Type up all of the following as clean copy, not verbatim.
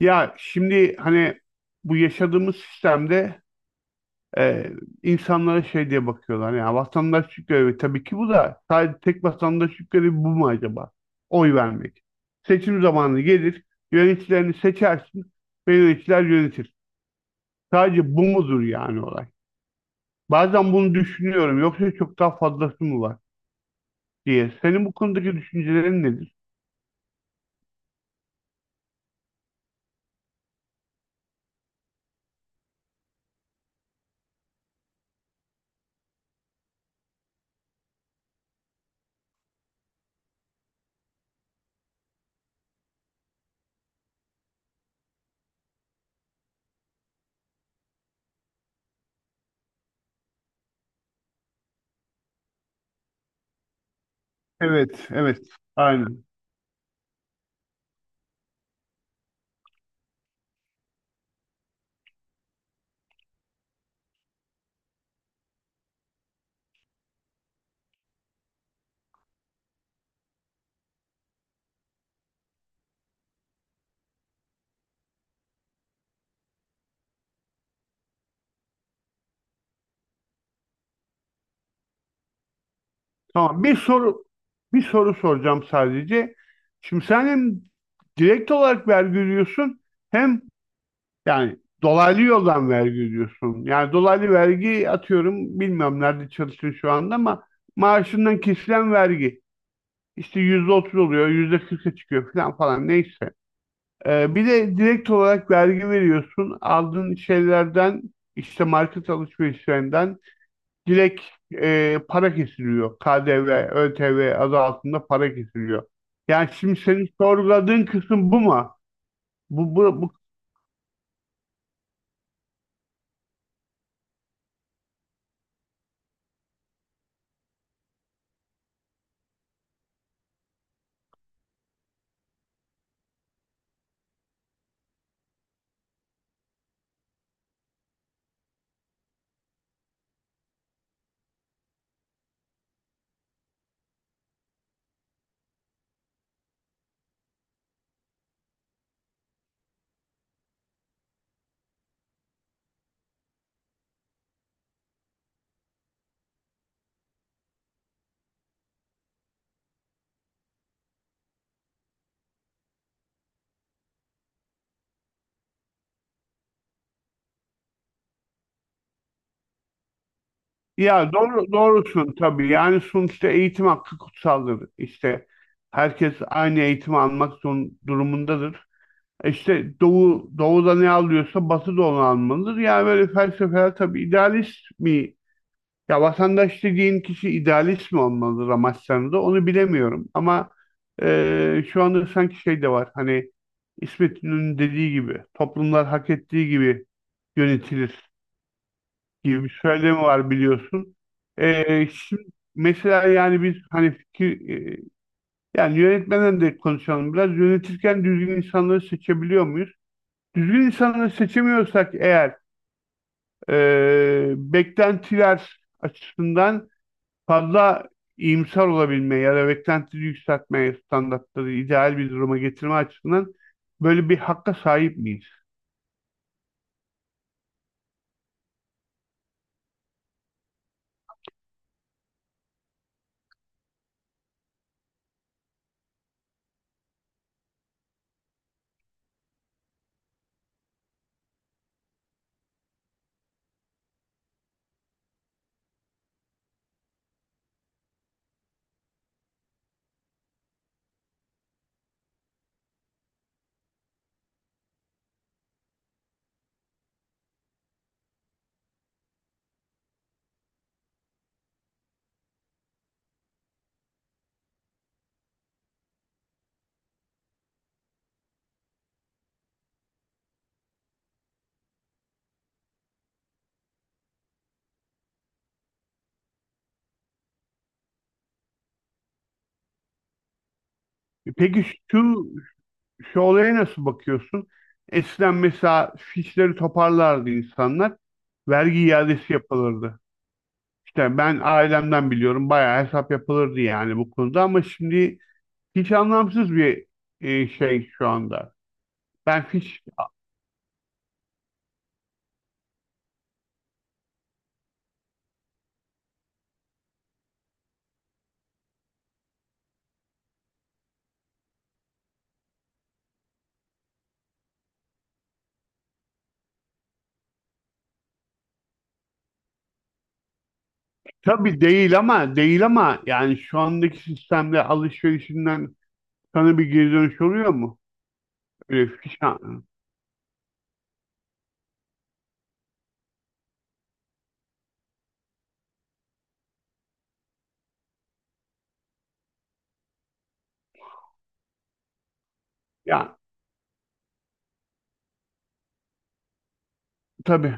Ya şimdi hani bu yaşadığımız sistemde e, insanlara şey diye bakıyorlar. Yani vatandaş görevi, tabii ki bu da, sadece tek vatandaşlık görevi bu mu acaba? Oy vermek. Seçim zamanı gelir, yöneticilerini seçersin ve yöneticiler yönetir. Sadece bu mudur yani olay? Bazen bunu düşünüyorum. Yoksa çok daha fazlası mı var diye. Senin bu konudaki düşüncelerin nedir? Evet, evet. Aynen. Tamam, bir soru soracağım sadece. Şimdi sen hem direkt olarak vergi ödüyorsun, hem yani dolaylı yoldan vergi ödüyorsun. Yani dolaylı vergi, atıyorum, bilmiyorum nerede çalışıyorsun şu anda, ama maaşından kesilen vergi işte %30 oluyor, %40'a çıkıyor, falan falan, neyse. Bir de direkt olarak vergi veriyorsun aldığın şeylerden, işte market alışverişlerinden direkt para kesiliyor. KDV, ÖTV adı altında para kesiliyor. Yani şimdi senin sorguladığın kısım bu mu? Bu, bu, bu- Ya doğru, doğrusun tabii. Yani sonuçta eğitim hakkı kutsaldır. İşte herkes aynı eğitimi almak durumundadır. İşte Doğu'da ne alıyorsa, Batı da onu almalıdır. Yani böyle felsefeler, tabii, idealist mi? Ya vatandaş dediğin kişi idealist mi olmalı Ramazan'da, onu bilemiyorum, ama şu anda sanki şey de var, hani İsmet İnönü'nün dediği gibi toplumlar hak ettiği gibi yönetilir gibi bir söylemi var, biliyorsun. Şimdi, mesela, yani biz, hani, fikir, e, yani yönetmeden de konuşalım, biraz yönetirken düzgün insanları seçebiliyor muyuz? Düzgün insanları seçemiyorsak eğer, beklentiler açısından fazla iyimser olabilme ya da beklentileri yükseltmeye, standartları ideal bir duruma getirme açısından, böyle bir hakka sahip miyiz? Peki şu, şu olaya nasıl bakıyorsun? Eskiden, mesela, fişleri toparlardı insanlar. Vergi iadesi yapılırdı. İşte ben ailemden biliyorum, bayağı hesap yapılırdı yani bu konuda, ama şimdi hiç anlamsız bir şey şu anda. Ben fiş Tabii değil ama yani şu andaki sistemde alışverişinden sana bir geri dönüş oluyor mu? Öyle fişan. Ya tabii.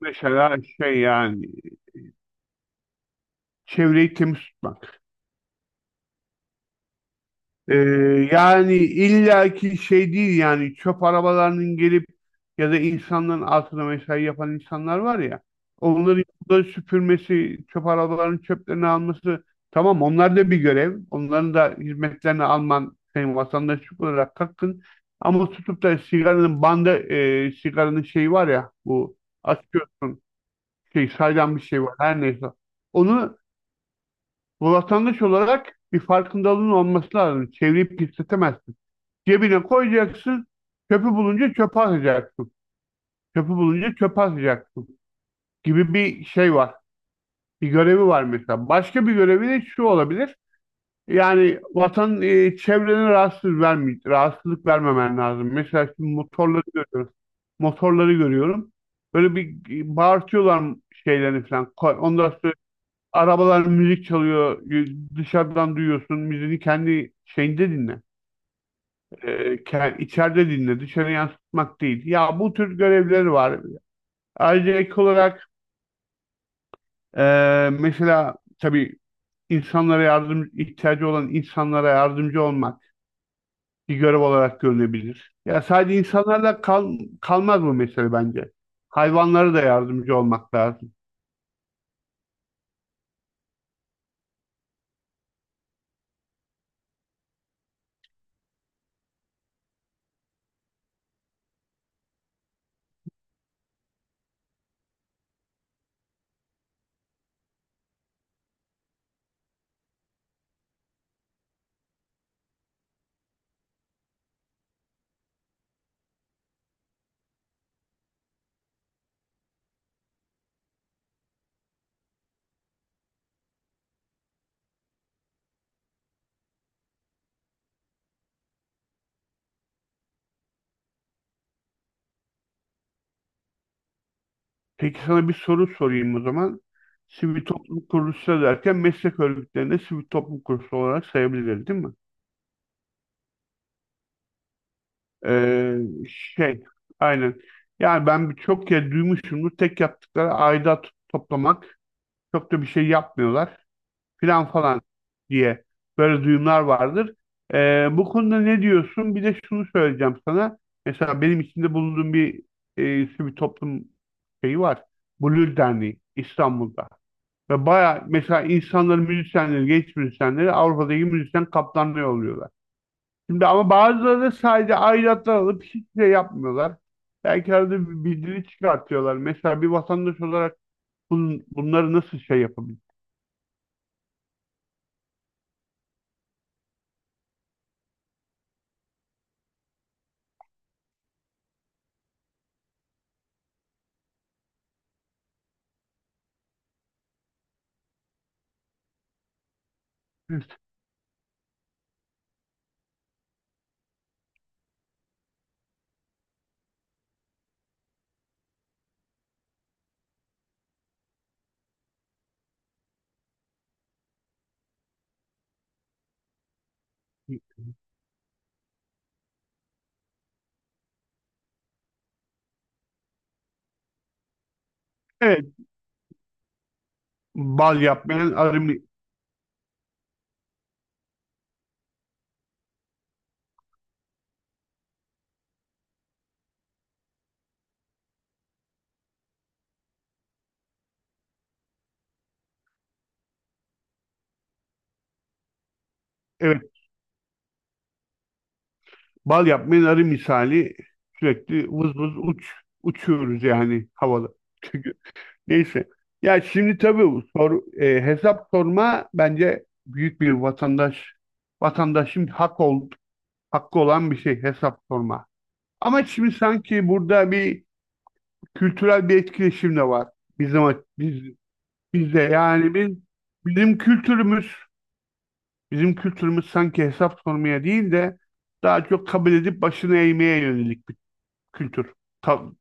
Mesela, şey, yani çevreyi temiz tutmak. Ee, Yani illaki şey değil, yani çöp arabalarının gelip ya da insanların altına mesai yapan insanlar var ya, onların yolları süpürmesi, çöp arabalarının çöplerini alması, tamam, onlar da bir görev. Onların da hizmetlerini alman senin vatandaşlık olarak hakkın. Ama tutup da sigaranın bandı, sigaranın şeyi var ya bu, açıyorsun, şey, saydam bir şey var, her neyse. Onu, bu, vatandaş olarak bir farkındalığın olması lazım. Çevirip pisletemezsin. Cebine koyacaksın. Çöpü bulunca çöpe atacaksın. Çöpü bulunca çöpe atacaksın gibi bir şey var. Bir görevi var mesela. Başka bir görevi de şu olabilir. Yani çevrene rahatsız verme, rahatsızlık vermemen lazım. Mesela şimdi motorları görüyorum. Motorları görüyorum. Böyle bir bağırtıyorlar şeylerini falan. Ondan sonra arabalar müzik çalıyor. Dışarıdan duyuyorsun. Müziğini kendi şeyinde dinle. E, ke- içeride dinle, dışarı yansıtmak değil. Ya bu tür görevleri var. Ayrıca, ek olarak, e, mesela, tabii, insanlara yardım, ihtiyacı olan insanlara yardımcı olmak bir görev olarak görülebilir. Ya sadece insanlarla kalmaz bu mesele, bence. Hayvanlara da yardımcı olmak lazım. Peki sana bir soru sorayım o zaman. Sivil toplum kuruluşları derken, meslek örgütlerinde sivil toplum kuruluşu olarak sayabiliriz, değil mi? Ee, şey, aynen. Yani ben çok kez duymuşumdur. Tek yaptıkları aidat toplamak. Çok da bir şey yapmıyorlar. Filan falan, diye böyle duyumlar vardır. Bu konuda ne diyorsun? Bir de şunu söyleyeceğim sana. Mesela benim içinde bulunduğum bir sivil toplum şeyi var. Blur Derneği, İstanbul'da. Ve baya, mesela, insanların müzisyenleri, genç müzisyenleri Avrupa'daki müzisyen kaptanlığı oluyorlar. Şimdi ama bazıları da sadece aidatlar alıp hiçbir şey yapmıyorlar. Belki arada bir bildiri çıkartıyorlar. Mesela, bir vatandaş olarak bunları nasıl şey yapabilir? Evet, bal yapmayan arı mi- evet, bal yapmayan arı misali sürekli vız vız uçuyoruz yani havada. Çünkü neyse. Ya şimdi, tabii, bu hesap sorma bence büyük bir vatandaşın hakkı olan bir şey, hesap sorma. Ama şimdi sanki burada bir kültürel bir etkileşim de var. Bizim biz bizde yani bizim kültürümüz, sanki hesap sormaya değil de, daha çok kabul edip başını eğmeye yönelik bir kültür. Ta-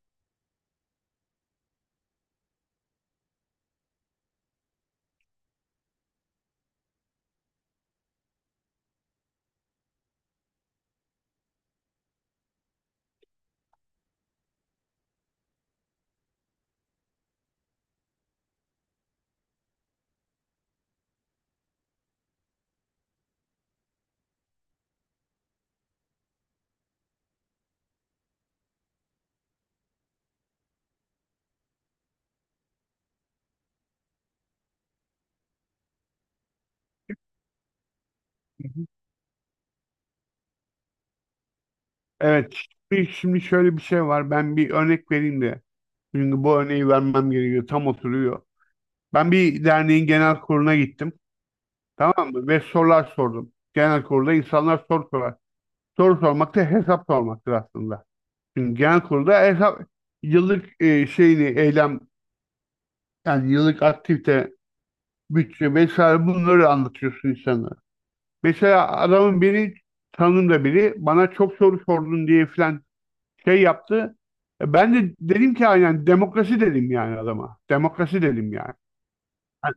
Evet. Şimdi şöyle bir şey var. Ben bir örnek vereyim de. Çünkü bu örneği vermem gerekiyor. Tam oturuyor. Ben bir derneğin genel kuruluna gittim. Tamam mı? Ve sorular sordum. Genel kurulda insanlar soru sorar. Soru sormak da hesap sormaktır aslında. Çünkü genel kurulda hesap, yıllık, şeyini, eylem, yani yıllık aktivite, bütçe vesaire, bunları anlatıyorsun insanlara. Mesela adamın biri, tanımda biri, bana çok soru sordun diye filan şey yaptı. Ben de dedim ki, aynen demokrasi, dedim yani adama. Demokrasi dedim yani. Yani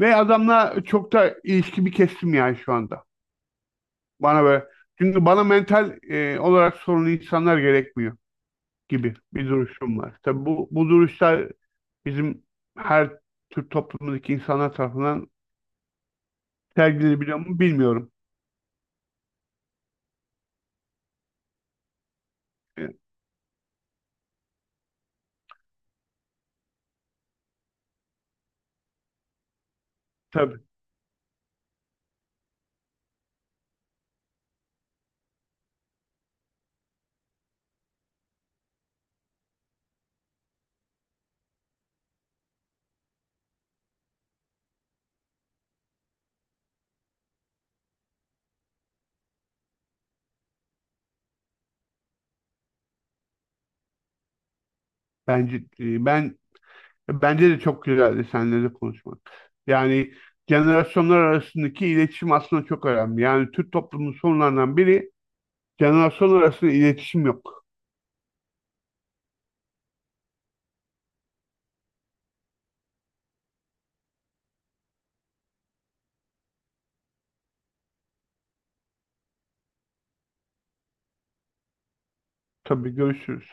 ve adamla çok da ilişkimi kestim yani şu anda. Bana böyle, çünkü bana mental olarak sorunlu insanlar gerekmiyor gibi bir duruşum var. Tabii bu duruşlar bizim her Türk toplumundaki insanlar tarafından sergilenebiliyor mu bilmiyorum. E, tabii, bence, e, ben bence de çok güzeldi seninle de konuşmak. Yani jenerasyonlar arasındaki iletişim aslında çok önemli. Yani Türk toplumunun sorunlarından biri, jenerasyonlar arasında iletişim yok. Tabii, görüşürüz.